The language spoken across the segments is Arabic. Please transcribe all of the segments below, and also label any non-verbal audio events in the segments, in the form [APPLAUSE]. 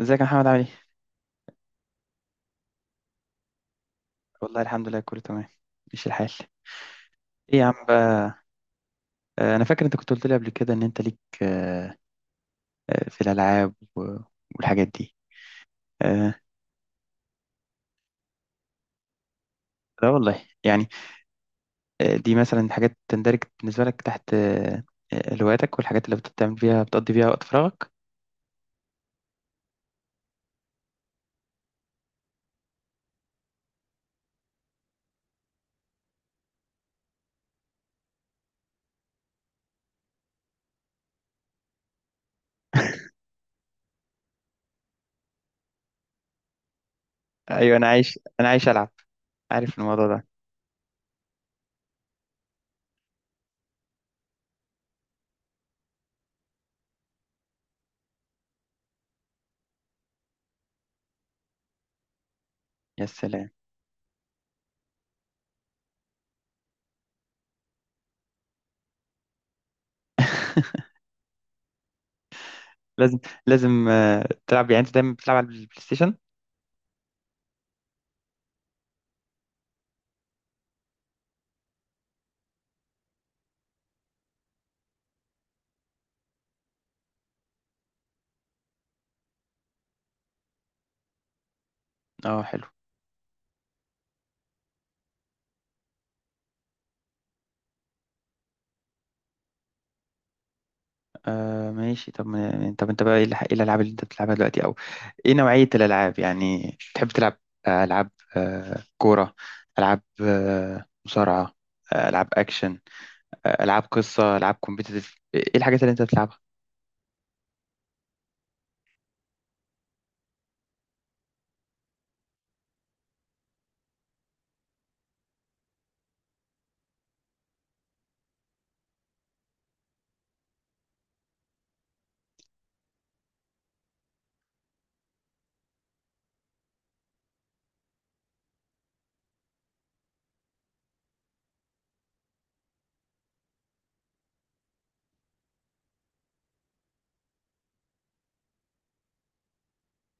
ازيك يا محمد عامل ايه؟ والله الحمد لله كله تمام. ماشي الحال. ايه يا عم بقى. انا فاكر انت كنت قلت لي قبل كده ان انت ليك في الالعاب والحاجات دي. آه، لا والله يعني. دي مثلا حاجات تندرج بالنسبه لك تحت، هواياتك والحاجات اللي بتعمل فيها بتقضي فيها وقت فراغك. [LAUGHS] ايوه، انا عايش العب. عارف الموضوع ده. يا سلام. [LAUGHS] لازم لازم تلعب، يعني انت دايما بتلعب على البلاي ستيشن؟ اه، حلو. آه، ماشي. طب ما- طب انت بقى ايه إيه الالعاب اللي انت بتلعبها دلوقتي، او ايه نوعية الالعاب يعني تحب تلعب؟ العاب كورة، العاب مصارعة، العاب اكشن، العاب قصة، العاب كومبيتيتيف. ايه الحاجات اللي انت بتلعبها؟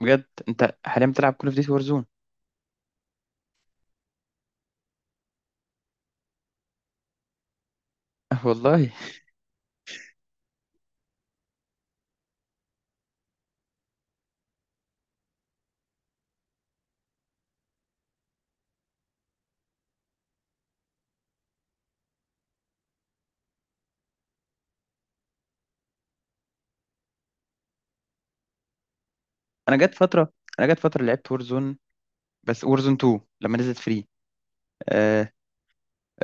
بجد؟ انت حاليا بتلعب كول اوف ديوتي وورزون؟ [LAUGHS] والله، انا جت فترة انا جت فترة لعبت وورزون، بس وورزون 2 لما نزلت فري. آه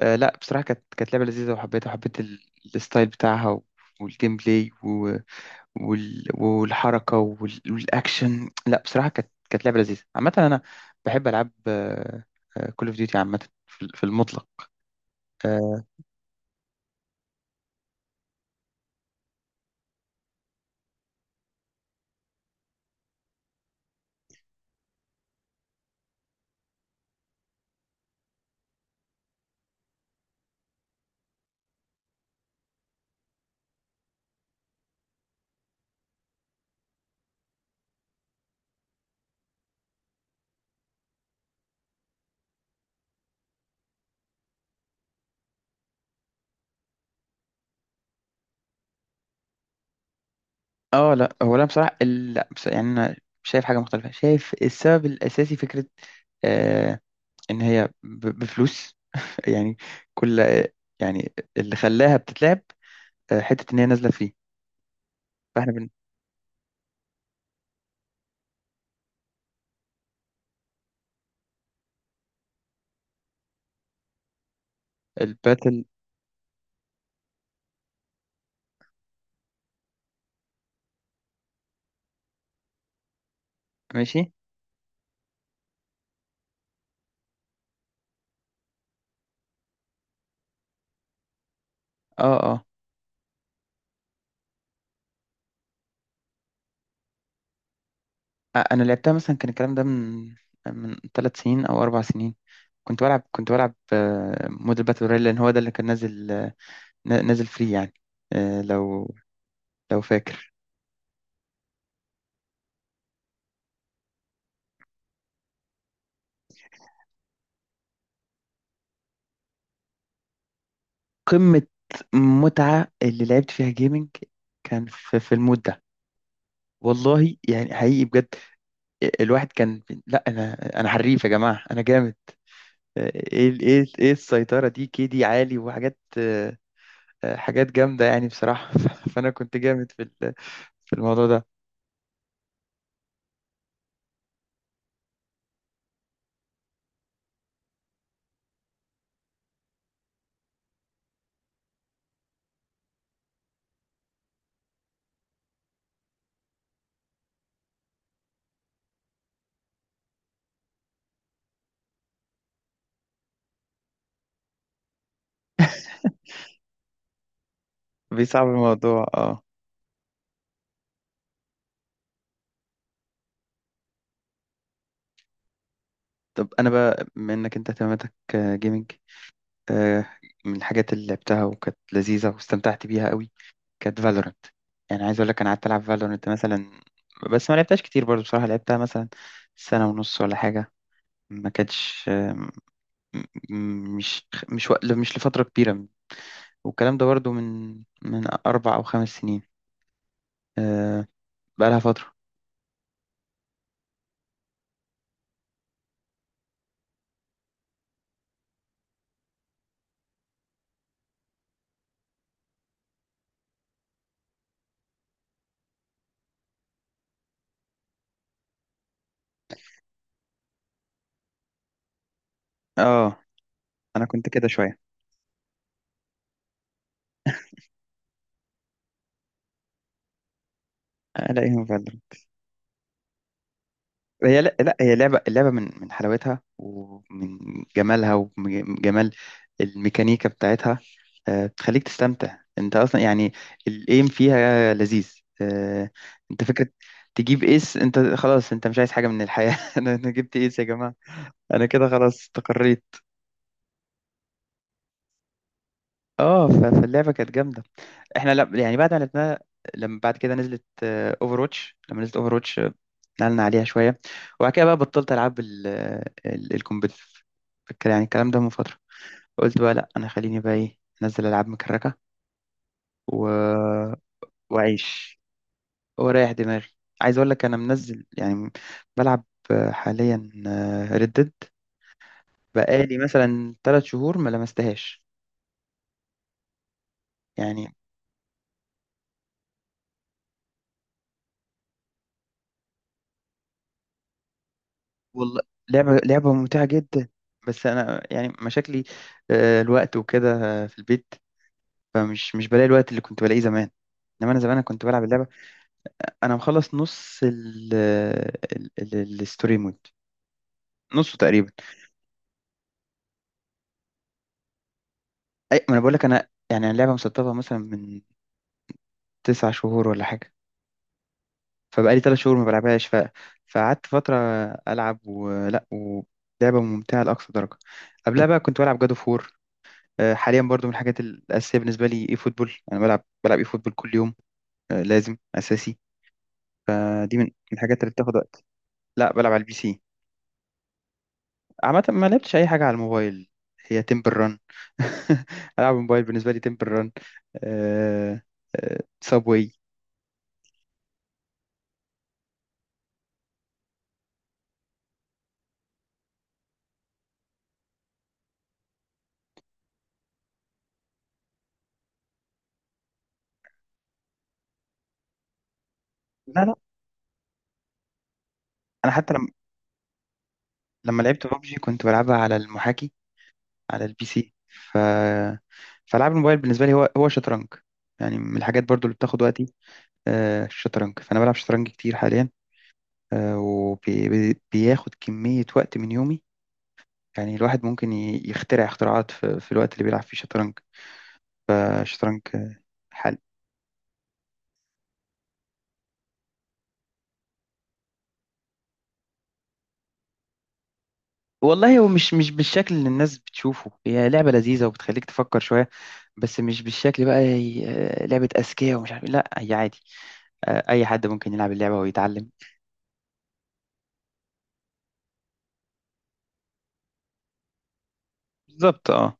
لا بصراحة كانت لعبة لذيذة، وحبيتها وحبيت الستايل بتاعها والجيم بلاي والحركة والأكشن. لا بصراحة كانت لعبة لذيذة عامة. أنا بحب ألعاب كول أوف ديوتي عامة في المطلق. آه لا، لا بصراحة، ال- لا بص- يعني أنا شايف حاجة مختلفة. شايف السبب الأساسي فكرة آه إن هي بفلوس. [LAUGHS] يعني كل، يعني اللي خلاها بتتلعب حتة إن هي نازلة فيه. فإحنا بن... الباتل. ماشي. آه آه انا لعبتها مثلا، كان الكلام ده من 3 سنين او 4 سنين. كنت بلعب موديل باتل رويال، لان هو ده اللي كان نازل نازل فري يعني. آه، لو لو فاكر. قمة متعة اللي لعبت فيها جيمنج كان في المود ده. والله يعني حقيقي بجد. الواحد كان. لا انا حريف يا جماعة، انا جامد. آه، ايه السيطرة دي، كيدي عالي وحاجات، حاجات جامدة يعني بصراحة. [LAUGHS] فانا كنت جامد في الموضوع ده. بيصعب الموضوع، اه. طب انا بقى، بما انك انت اهتماماتك جيمنج، من الحاجات اللي لعبتها وكانت لذيذه واستمتعت بيها قوي كانت فالورنت. يعني عايز اقول لك انا قعدت العب فالورنت مثلا، بس ما لعبتهاش كتير برضه بصراحه، لعبتها مثلا سنه ونص ولا حاجه. ما كانتش مش مش لفتره كبيره. والكلام ده برضه من 4 او 5 سنين. آه، بقى لها فتره. اه، انا كنت كده شويه. الاقيهم. لا هي لعبة. اللعبة من حلاوتها ومن جمالها ومن جمال الميكانيكا بتاعتها، بتخليك تستمتع انت اصلا يعني. الايم فيها لذيذ. آه، انت فكرة تجيب ايس، انت خلاص، انت مش عايز حاجة من الحياة. [LAUGHS] أنا جبت ايس يا جماعة. انا كده خلاص استقريت. اه. فاللعبة كانت جامدة. احنا لا يعني بعد ما لعبناها، لما بعد كده نزلت اوفر واتش، لما نزلت اوفر نقلنا عليها شوية. وبعد كده بقى بطلت ألعب الكومبتيتيف. يعني الكلام ده من فترة. قلت بقى لأ، أنا خليني بقى إيه أنزل ألعاب مكركة و... وأعيش وأريح دماغي. عايز أقول لك أنا منزل يعني بلعب حاليا ردد، بقالي مثلا 3 شهور ما لمستهاش يعني. والله لعبة ممتعة جدا. بس أنا يعني مشاكلي، الوقت وكده، في البيت. مش بلاقي الوقت اللي كنت بلاقيه زمان. انما انا زمان، أنا كنت بلعب اللعبه. انا مخلص نص الستوري مود، نصه تقريبا. اي ما انا بقول لك، انا يعني اللعبه مسطبه مثلا من 9 شهور ولا حاجه. فبقالي 3 شهور ما بلعبهاش. فقعدت فتره العب، ولعبه ممتعه لاقصى درجه. قبلها بقى كنت بلعب جادو فور. حاليا برضو من الحاجات الاساسيه بالنسبه لي اي فوتبول، انا بلعب اي فوتبول كل يوم. لازم اساسي. دي من الحاجات اللي بتاخد وقت. لا بلعب على البي سي. عامة ما لعبتش أي حاجة على الموبايل، هي تمبل ران. [LAUGHS] ألعب الموبايل بالنسبة لي تمبل ران. أه أه سابوي. لا أنا حتى لما لعبت ببجي كنت بلعبها على المحاكي، على البي سي. ف فألعاب الموبايل بالنسبة لي هو شطرنج. يعني من الحاجات برضو اللي بتاخد وقتي، أه، الشطرنج. فأنا بلعب شطرنج كتير حاليا. أه، وبياخد كمية وقت من يومي. يعني الواحد ممكن يخترع اختراعات في الوقت اللي بيلعب فيه شطرنج. فالشطرنج. والله هو مش بالشكل اللي الناس بتشوفه. هي لعبة لذيذة وبتخليك تفكر شوية. بس مش بالشكل بقى، لعبة أذكياء ومش عارف إيه. لا هي عادي. أي حد ممكن يلعب اللعبة ويتعلم. بالظبط. اه.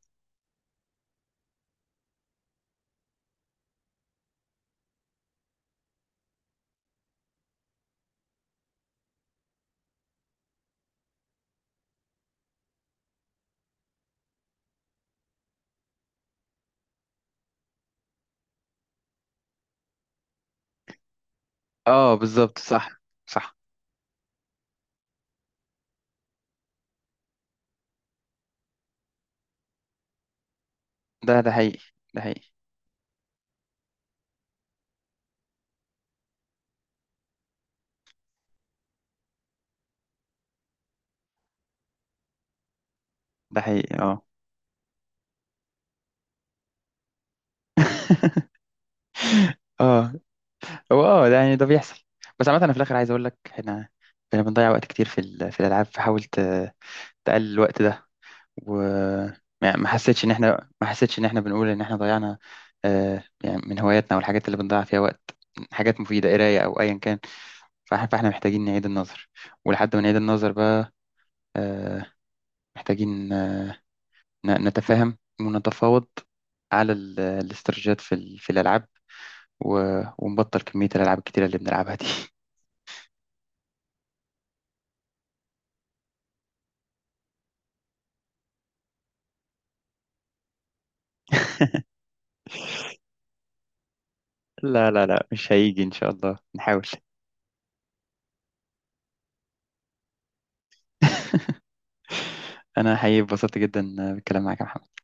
اه، بالظبط. صح. صح. ده حقيقي. ده حقيقي. ده حقيقي. اه. اه. هو، اه، ده يعني ده بيحصل. بس عامة أنا في الآخر عايز أقول لك إحنا بنضيع وقت كتير في الألعاب. فحاول تقلل الوقت ده. وما ما حسيتش ان احنا، بنقول ان احنا ضيعنا. يعني من هواياتنا والحاجات اللي بنضيع فيها وقت، حاجات مفيدة قراية او ايا كان. فاحنا محتاجين نعيد النظر. ولحد ما نعيد النظر بقى، آه، محتاجين نتفاهم ونتفاوض على الاستراتيجيات في الالعاب ونبطل كمية الالعاب الكتيرة اللي بنلعبها دي. [LAUGHS] لا لا لا مش هيجي ان شاء الله نحاول. [LAUGHS] انا حقيقي اتبسطت جدا بالكلام معاك يا محمد.